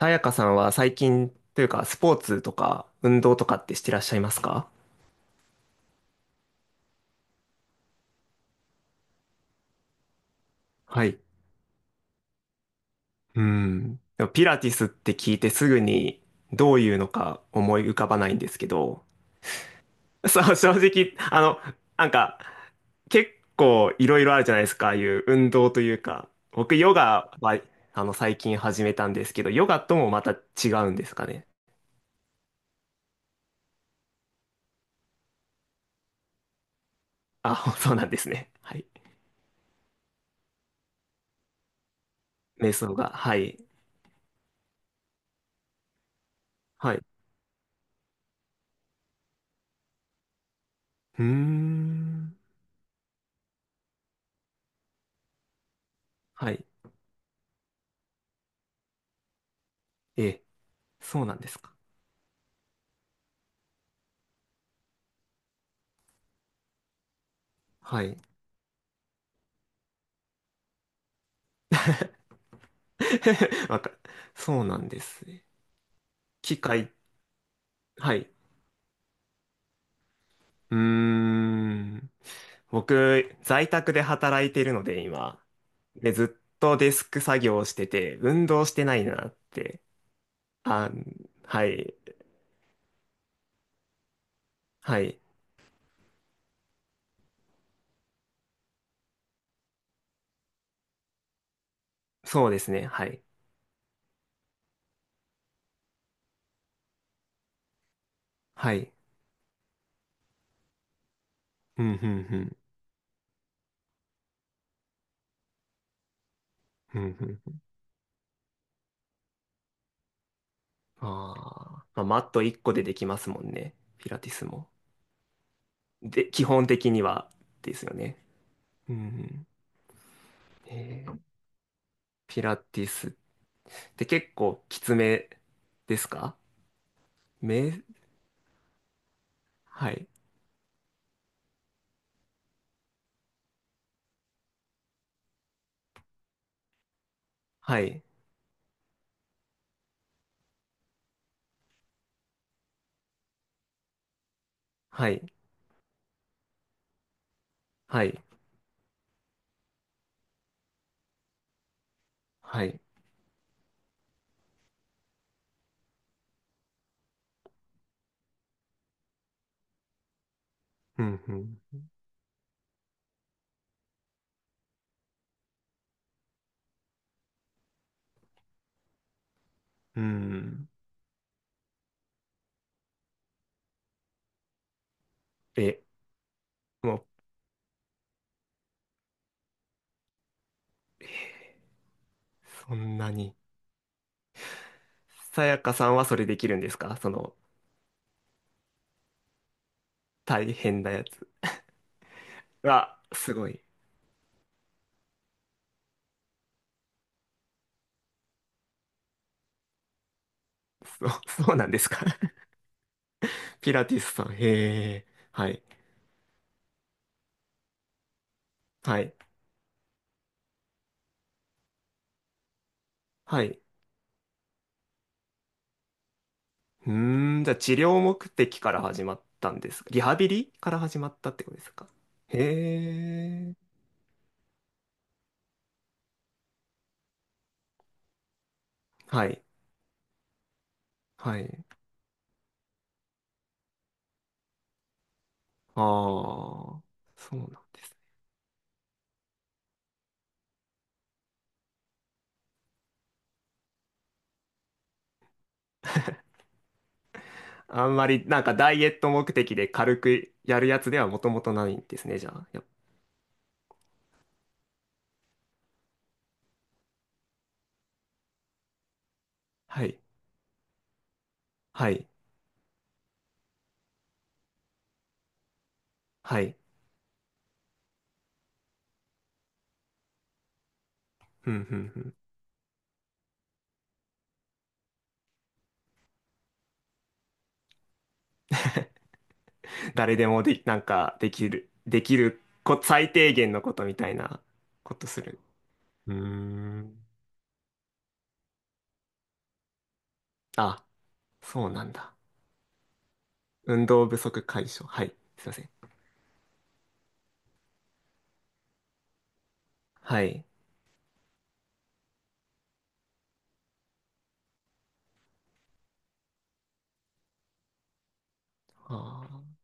さやかさんは最近というか、スポーツとか運動とかってしてらっしゃいますか？はい。うん。でもピラティスって聞いてすぐにどういうのか思い浮かばないんですけど。そう、正直、なんか、結構いろいろあるじゃないですか、ああいう運動というか。僕ヨガは、最近始めたんですけど、ヨガともまた違うんですかね？あ、そうなんですね。はい。瞑想が、はい。はい。うーん。はい。ええ、そうなんですか。はい。わか、そうなんですね。機械、はい。うーん。僕、在宅で働いてるので、今。で、ずっとデスク作業をしてて、運動してないなって。あ、はい。はい。そうですね。はい。はい。うん、うん、うん。うん、うん。あーまあ、マット1個でできますもんね。ピラティスも。で、基本的にはですよね。うんうん。えーピラティスで、結構きつめですか？め、はい。はい。はい。はい。はい。うん、うん。うん。え、もう、そんなに。さやかさんはそれできるんですかその、大変なやつ。あ、すごい。そう、そうなんですか？ ピラティスさん。へえ。はい。はい。はい。うーん、じゃあ治療目的から始まったんですか？リハビリから始まったってことですか？へえ。はい。はい。ああ、そうなんですね。あんまりなんかダイエット目的で軽くやるやつではもともとないんですね、じゃあ。はい、はい、はい。ふんふんふん。誰でもで、なんかできる、できるこ、最低限のことみたいなことする。うーん。あ、そうなんだ。運動不足解消。はい、すいません。はい。ああ。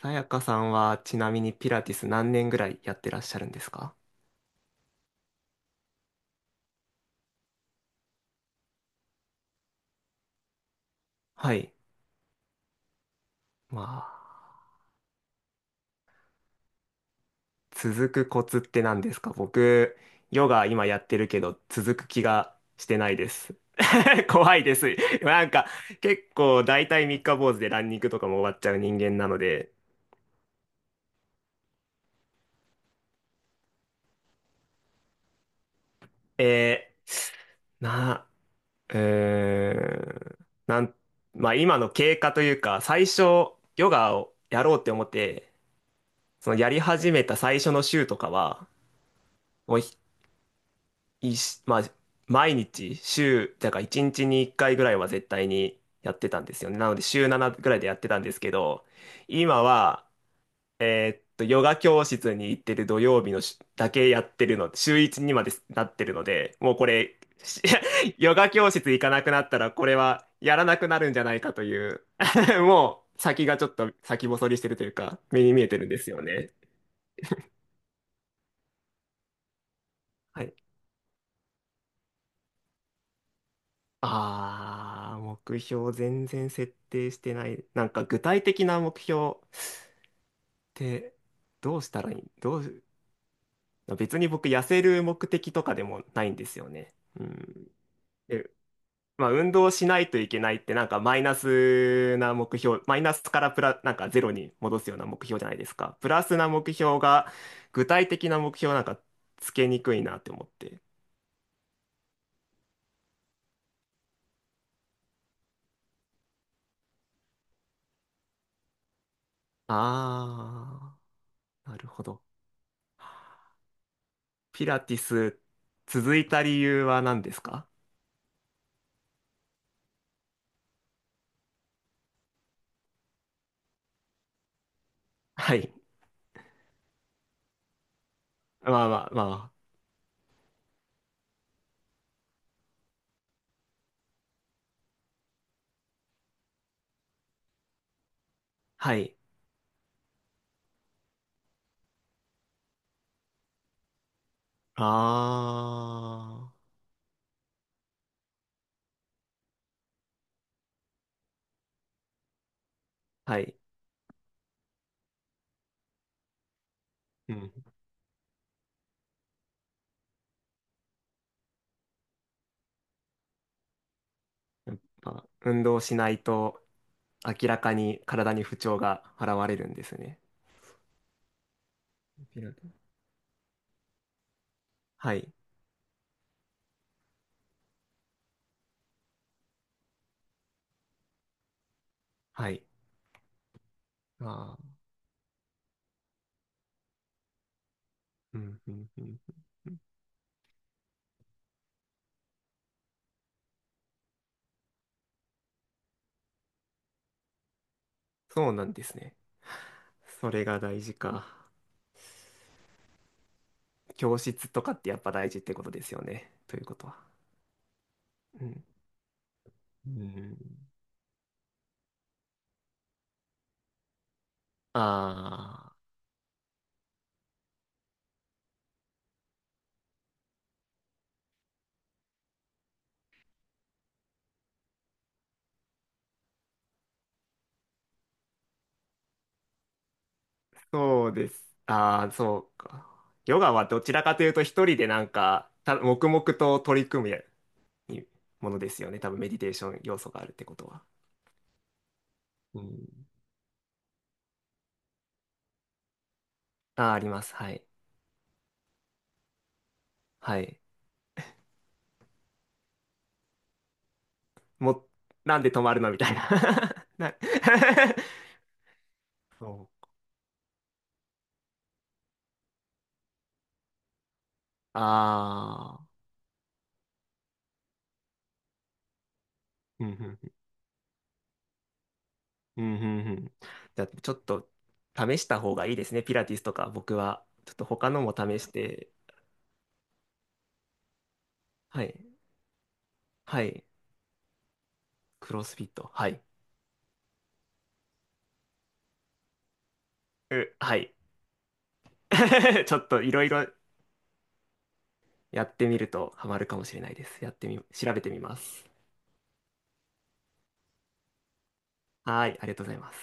さやかさんはちなみにピラティス何年ぐらいやってらっしゃるんですか？はい。まあ。続くコツって何ですか？僕、ヨガ今やってるけど、続く気がしてないです。怖いです。なんか、結構大体三日坊主でランニングとかも終わっちゃう人間なので。えー、な、えー、なん、まあ今の経過というか、最初、ヨガをやろうって思って、そのやり始めた最初の週とかは、もういし、まあ、毎日、週、だから1日に1回ぐらいは絶対にやってたんですよね。なので、週7ぐらいでやってたんですけど、今は、ヨガ教室に行ってる土曜日のしだけやってるの、週1にまでなってるので、もうこれ、し ヨガ教室行かなくなったら、これはやらなくなるんじゃないかという、もう先がちょっと先細りしてるというか、目に見えてるんですよね。はいあー、目標全然設定してない。なんか具体的な目標ってどうしたらいいどう、別に僕痩せる目的とかでもないんですよね。うん。で、まあ運動しないといけないってなんかマイナスな目標、マイナスからプラ、なんかゼロに戻すような目標じゃないですか。プラスな目標が具体的な目標なんかつけにくいなって思って。あー、なるほど。ピラティス続いた理由は何ですか？はい。まあまあまあ。はい。ああ。はい。うん。やっぱ運動しないと明らかに体に不調が現れるんですね。ピラティスはい。はい。ああ。うん、うん、うん。そうなんですね。それが大事か。教室とかってやっぱ大事ってことですよね。ということは。うん。うん。ああ。そうです。ああ、そうか。ヨガはどちらかというと一人でなんか、た、黙々と取り組むやものですよね。多分メディテーション要素があるってことは。うん。あー、あります。はい。はい。もう、なんで止まるのみたいな。な そう。ああ。うん、うん、うん、うん。うんうんじゃあ、ちょっと試した方がいいですね。ピラティスとか、僕は。ちょっと他のも試して。はい。はい。クロスフィット。はい。う、はい。ちょっといろいろやってみるとハマるかもしれないです。やってみ、調べてみます。はい、ありがとうございます。